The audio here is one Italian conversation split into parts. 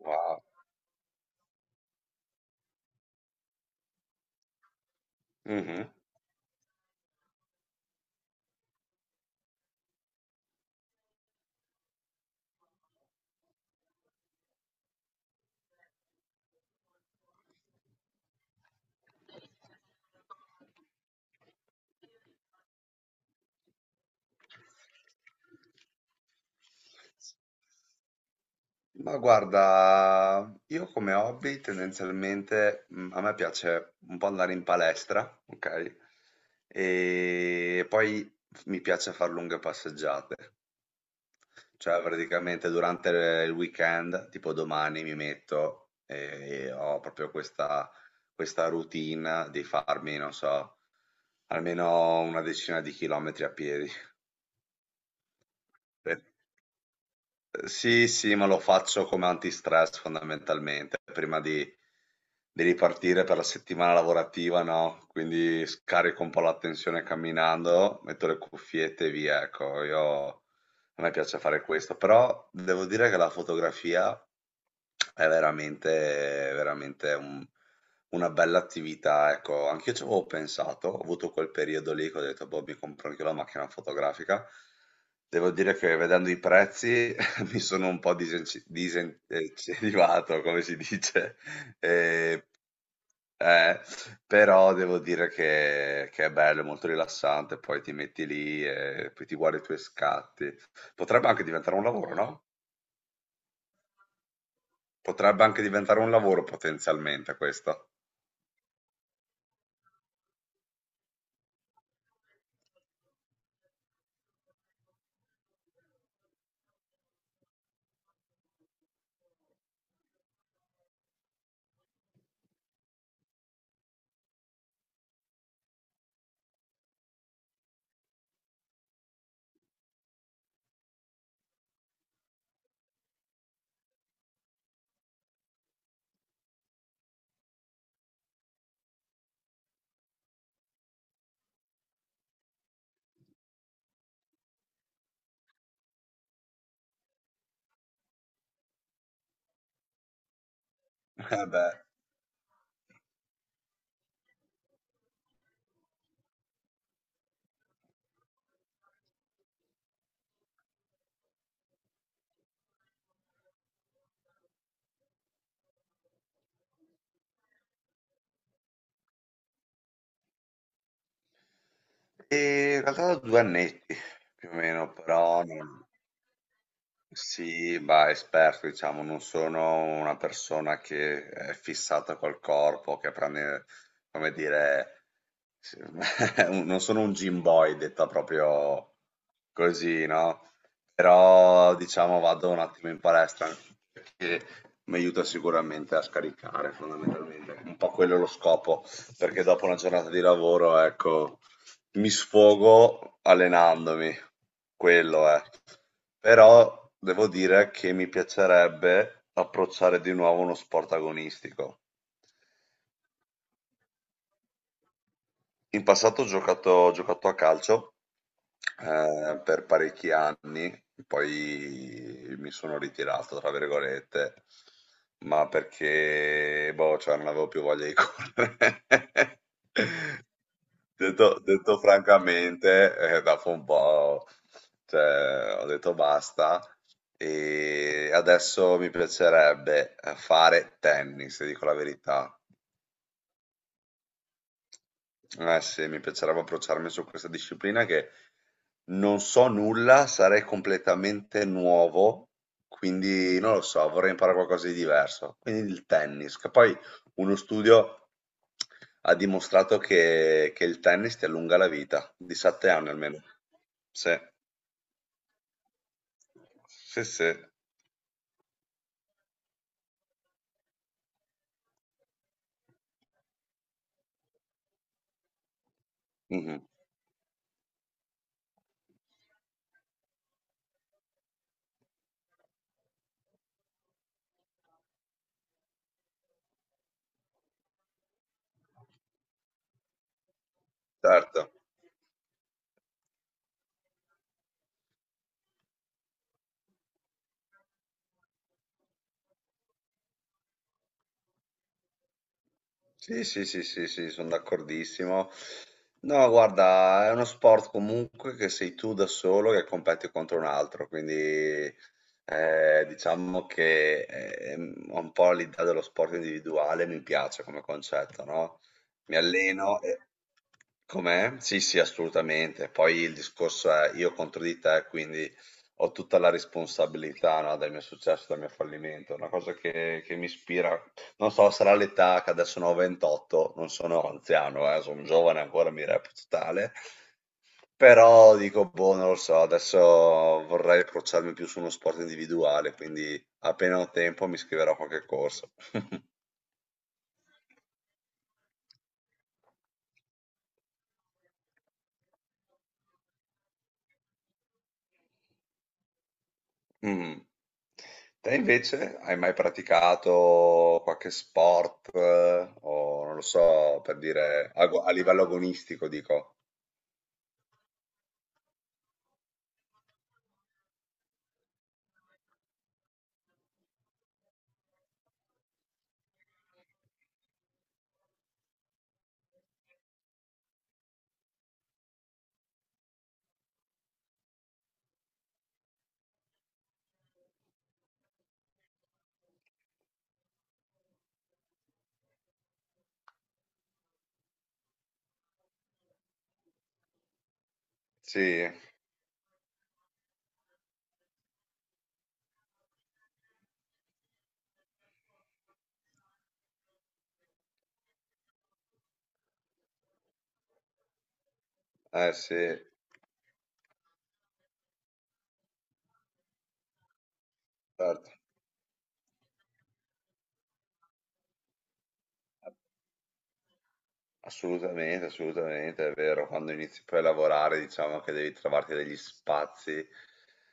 Wow. Mh-mh. Ma guarda, io come hobby tendenzialmente, a me piace un po' andare in palestra, okay, e poi f mi piace far lunghe passeggiate. Cioè praticamente durante il weekend, tipo domani mi metto e ho proprio questa routine di farmi, non so, almeno una decina di chilometri a piedi. Sì, sì, ma lo faccio come antistress fondamentalmente, prima di ripartire per la settimana lavorativa, no, quindi scarico un po' la tensione camminando, metto le cuffiette e via, ecco. Io A me piace fare questo, però devo dire che la fotografia è veramente veramente un una bella attività, ecco, anch'io ci avevo pensato, ho avuto quel periodo lì che ho detto, boh, mi compro anche la macchina fotografica. Devo dire che vedendo i prezzi mi sono un po' disincentivato, come si dice, e eh, però devo dire che è bello, è molto rilassante, poi ti metti lì e poi ti guardi i tuoi scatti. Potrebbe anche diventare un lavoro, no? Potrebbe anche diventare un lavoro potenzialmente questo. Eh beh. E in realtà da 2 annetti più o meno, però sì, bah, esperto, diciamo, non sono una persona che è fissata col corpo, che prende, come dire, sì, non sono un gym boy, detta proprio così, no? Però, diciamo, vado un attimo in palestra perché mi aiuta sicuramente a scaricare, fondamentalmente. Un po' quello è lo scopo, perché dopo una giornata di lavoro, ecco. Mi sfogo allenandomi, quello è. Però devo dire che mi piacerebbe approcciare di nuovo uno sport agonistico. In passato ho giocato a calcio per parecchi anni, poi mi sono ritirato, tra virgolette, ma perché boh, cioè non avevo più voglia di correre. Detto francamente, dopo un po', cioè, ho detto basta e adesso mi piacerebbe fare tennis, ti dico la verità. Eh sì, mi piacerebbe approcciarmi su questa disciplina che non so nulla, sarei completamente nuovo, quindi non lo so, vorrei imparare qualcosa di diverso. Quindi il tennis, che poi uno studio ha dimostrato che il tennis ti allunga la vita, di 7 anni almeno. Sì, sì, sì, Mhm. Certo. Sì, sì, sì, sì, sì, sono d'accordissimo. No, guarda, è uno sport comunque che sei tu da solo che competi contro un altro, quindi diciamo che ho un po' l'idea dello sport individuale, mi piace come concetto, no? Mi alleno e... Com'è? Sì, sì, assolutamente. Poi il discorso è io contro di te, quindi ho tutta la responsabilità, no, del mio successo, del mio fallimento, una cosa che mi ispira non so, sarà l'età che adesso ne ho 28, non sono anziano, sono giovane ancora, mi reputo tale, però dico, boh, non lo so, adesso vorrei approcciarmi più su uno sport individuale, quindi appena ho tempo mi iscriverò a qualche corso. Mm. Te invece hai mai praticato qualche sport, o non lo so, per dire, a livello agonistico, dico. Sì, eh sì, certo. Assolutamente, assolutamente, è vero. Quando inizi poi a lavorare, diciamo che devi trovarti degli spazi,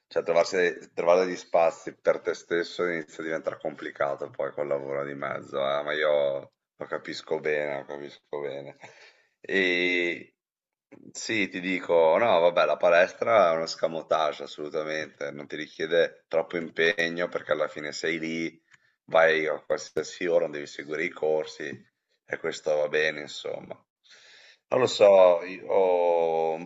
cioè trovare degli spazi per te stesso inizia a diventare complicato poi col lavoro di mezzo, ma io lo capisco bene, lo capisco bene. E sì, ti dico, no, vabbè, la palestra è uno scamotage, assolutamente, non ti richiede troppo impegno perché alla fine sei lì, vai a qualsiasi ora, non devi seguire i corsi. E questo va bene, insomma. Non lo so, io,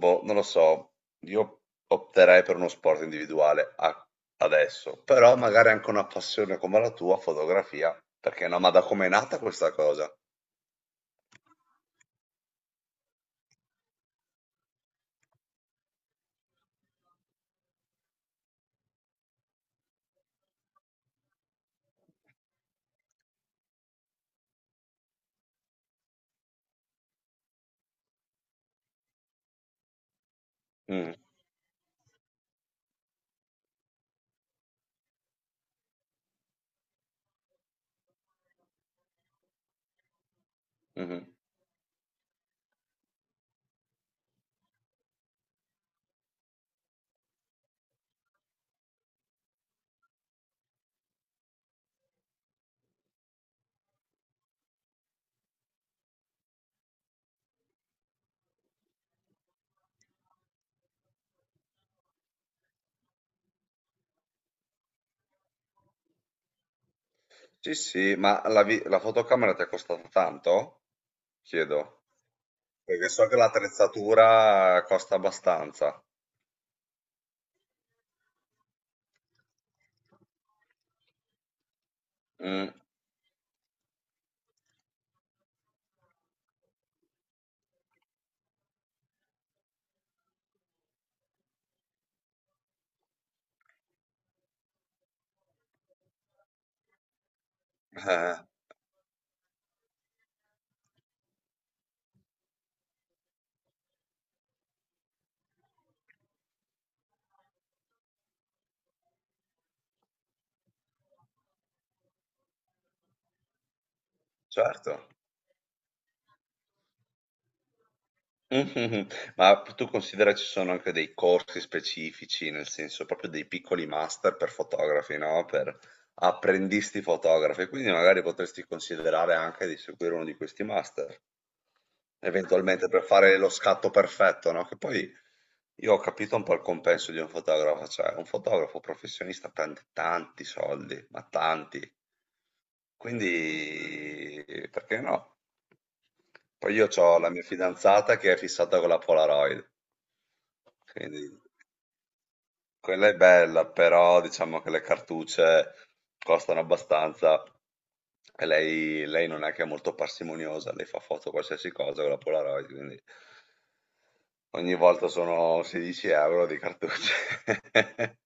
boh, non lo so, io opterei per uno sport individuale adesso, però magari anche una passione come la tua, fotografia, perché no, ma da com'è nata questa cosa? Mm, mhm. Sì, sì, ma la fotocamera ti è costata tanto? Chiedo, perché so che l'attrezzatura costa abbastanza. Mm, eh, certo. Mh-mh-mh. Ma p tu considera ci sono anche dei corsi specifici, nel senso proprio dei piccoli master per fotografi, no, per apprendisti fotografi, quindi magari potresti considerare anche di seguire uno di questi master eventualmente per fare lo scatto perfetto, no? Che poi io ho capito un po' il compenso di un fotografo, cioè un fotografo professionista prende tanti soldi, ma tanti, quindi perché no? Poi io ho la mia fidanzata che è fissata con la Polaroid, quindi quella è bella, però diciamo che le cartucce costano abbastanza e lei non è che è molto parsimoniosa, lei fa foto a qualsiasi cosa con la Polaroid, quindi ogni volta sono 16 euro di cartucce.